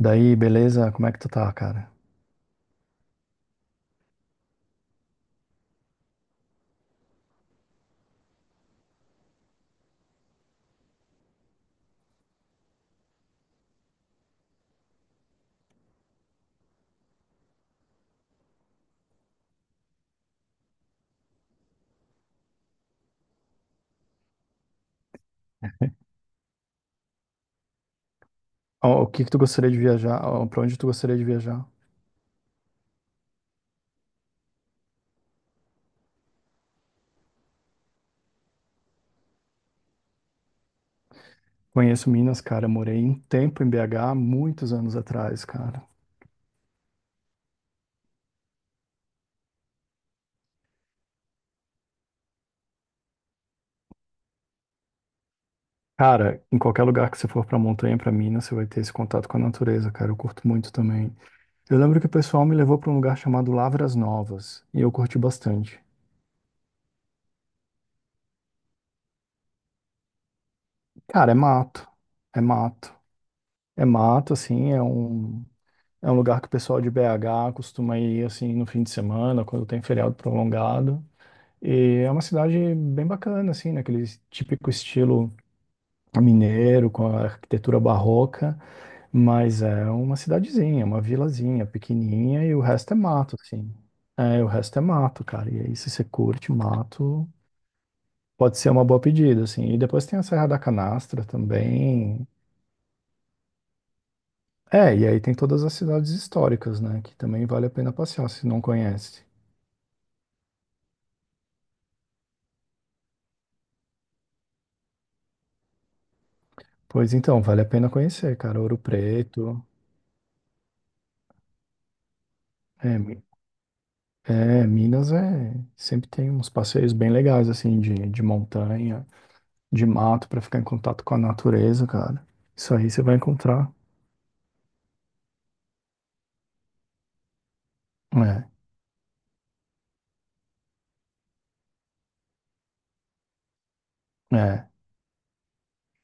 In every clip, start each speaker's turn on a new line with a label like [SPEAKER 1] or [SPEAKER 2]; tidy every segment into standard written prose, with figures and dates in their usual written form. [SPEAKER 1] Daí, beleza? Como é que tu tá, cara? O que que tu gostaria de viajar? Ó, pra onde tu gostaria de viajar? Conheço Minas, cara. Eu morei um tempo em BH, muitos anos atrás, cara. Cara, em qualquer lugar que você for pra montanha, pra Minas, você vai ter esse contato com a natureza, cara. Eu curto muito também. Eu lembro que o pessoal me levou pra um lugar chamado Lavras Novas, e eu curti bastante. Cara, é mato. É mato. É mato, assim, é um lugar que o pessoal de BH costuma ir, assim, no fim de semana, quando tem feriado prolongado. E é uma cidade bem bacana, assim, naquele típico estilo mineiro, com a arquitetura barroca, mas é uma cidadezinha, uma vilazinha pequenininha e o resto é mato, assim. É, o resto é mato, cara. E aí, se você curte mato, pode ser uma boa pedida, assim. E depois tem a Serra da Canastra também. É, e aí tem todas as cidades históricas, né, que também vale a pena passear, se não conhece. Pois então, vale a pena conhecer, cara. Ouro Preto. É, É, Minas é sempre tem uns passeios bem legais assim de montanha, de mato pra ficar em contato com a natureza, cara. Isso aí você vai encontrar. É, é.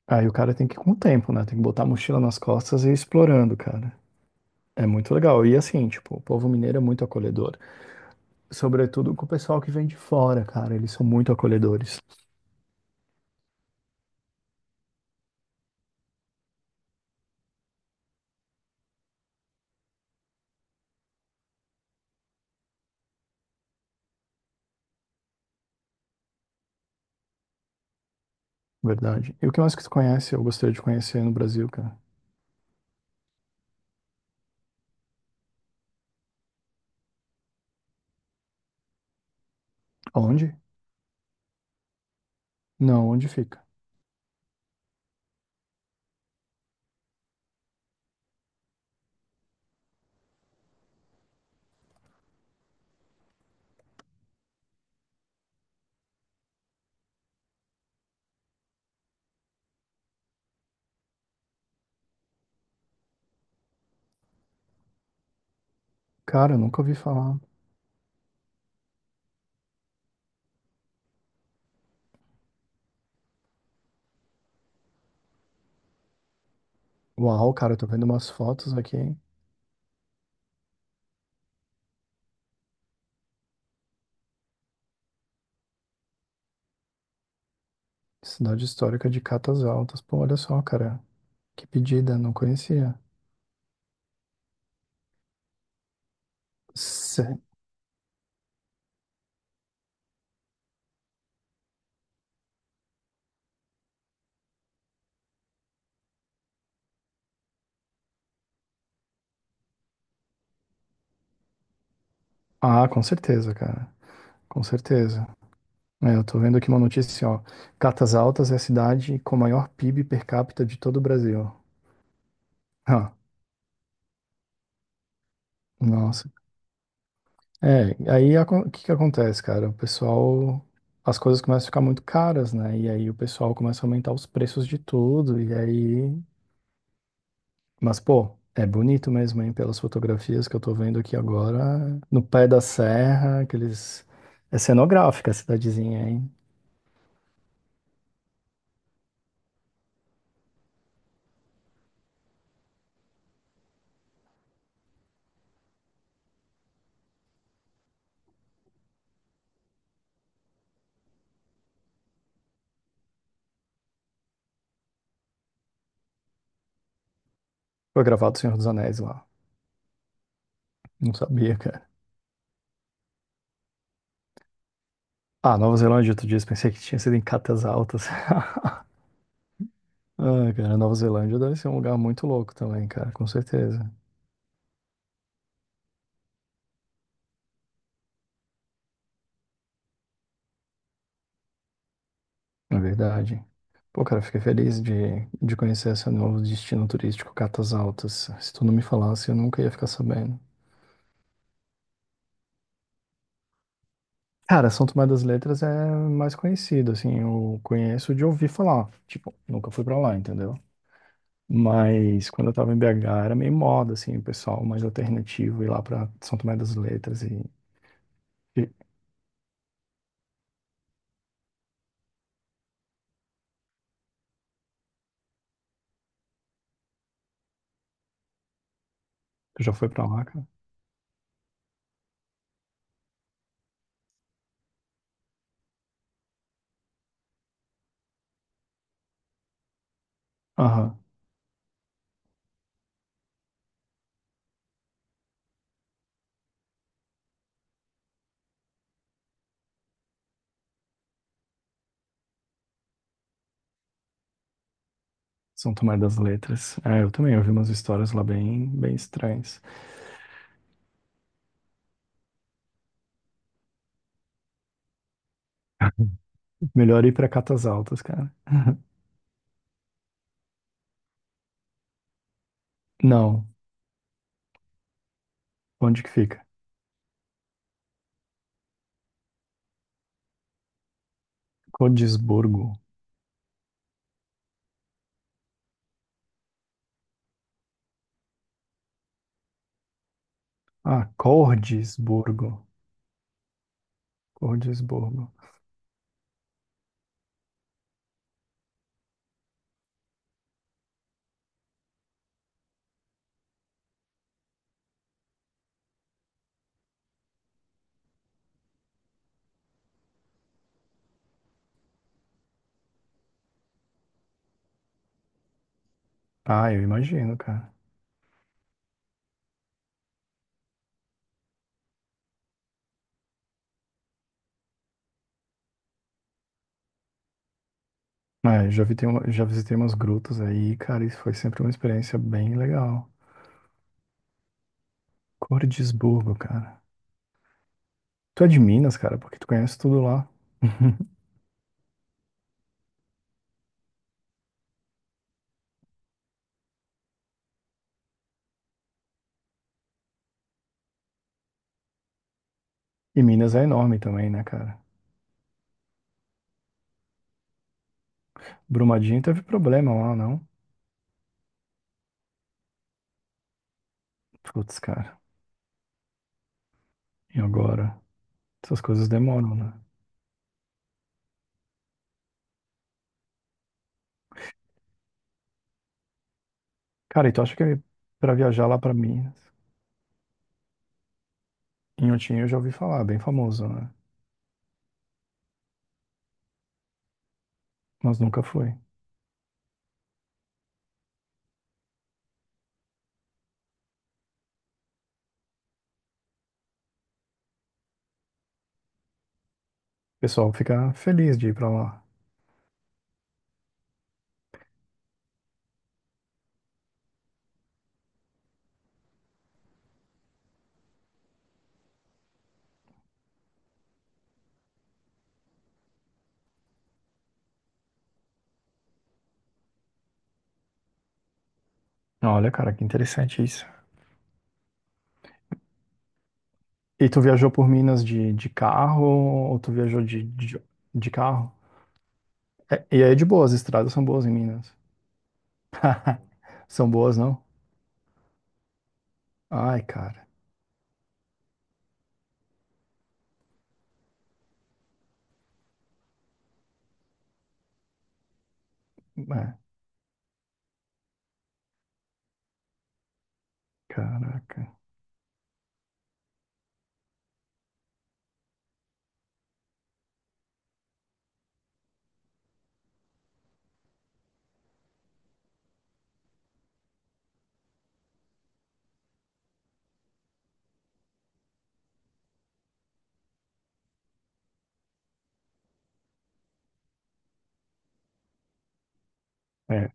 [SPEAKER 1] Aí o cara tem que ir com o tempo, né? Tem que botar a mochila nas costas e ir explorando, cara. É muito legal. E assim, tipo, o povo mineiro é muito acolhedor. Sobretudo com o pessoal que vem de fora, cara. Eles são muito acolhedores, verdade. E o que mais que tu conhece? Eu gostaria de conhecer no Brasil, cara. Onde? Não, onde fica? Cara, eu nunca ouvi falar. Uau, cara, eu tô vendo umas fotos aqui. Cidade histórica de Catas Altas. Pô, olha só, cara. Que pedida, não conhecia. Se- Ah, com certeza, cara. Com certeza. É, eu tô vendo aqui uma notícia, ó. Catas Altas é a cidade com maior PIB per capita de todo o Brasil. Ah, nossa. É, o que que acontece, cara? O pessoal. As coisas começam a ficar muito caras, né? E aí o pessoal começa a aumentar os preços de tudo. E aí mas, pô, é bonito mesmo, hein? Pelas fotografias que eu tô vendo aqui agora, no pé da serra, aqueles. É cenográfica a cidadezinha, hein? Foi gravado o Senhor dos Anéis lá. Não sabia, cara. Ah, Nova Zelândia, outro dia, pensei que tinha sido em Catas Altas. Ah, cara, Nova Zelândia deve ser um lugar muito louco também, cara, com certeza. É verdade. Pô, cara, fiquei feliz de conhecer esse novo destino turístico, Catas Altas. Se tu não me falasse, eu nunca ia ficar sabendo. Cara, São Tomé das Letras é mais conhecido, assim, eu conheço de ouvir falar, tipo, nunca fui pra lá, entendeu? Mas quando eu tava em BH era meio moda, assim, o pessoal mais alternativo ir lá pra São Tomé das Letras e... e- Tu já foi pra lá, cara? Aham, São Tomé das Letras. É, eu também ouvi umas histórias lá bem, bem estranhas. Melhor ir pra Catas Altas, cara. Não, onde que fica? Cordisburgo. Ah, Cordisburgo. Cordisburgo. Ah, eu imagino, cara. É, já visitei umas grutas aí, cara, isso foi sempre uma experiência bem legal. Cordisburgo, cara. Tu é de Minas, cara, porque tu conhece tudo lá. E Minas é enorme também, né, cara? Brumadinho teve problema lá, não? Putz, cara. E agora? Essas coisas demoram, né? Cara, e tu acha que pra viajar lá pra Minas, Inhotim eu já ouvi falar, bem famoso, né? Mas nunca fui. O pessoal fica feliz de ir pra lá. Olha, cara, que interessante isso. E tu viajou por Minas de carro ou tu viajou de carro? É, e aí é de boa, as estradas são boas em Minas. São boas, não? Ai, cara. É, caraca. É.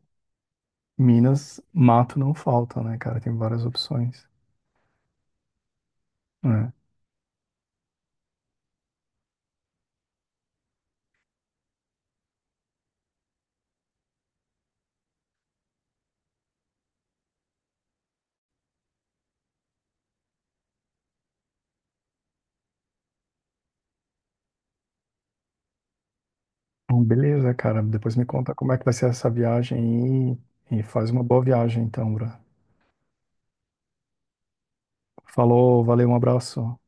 [SPEAKER 1] Minas, mato não falta, né, cara? Tem várias opções. É. Bom, beleza, cara. Depois me conta como é que vai ser essa viagem aí. E faz uma boa viagem, então, bro. Falou, valeu, um abraço.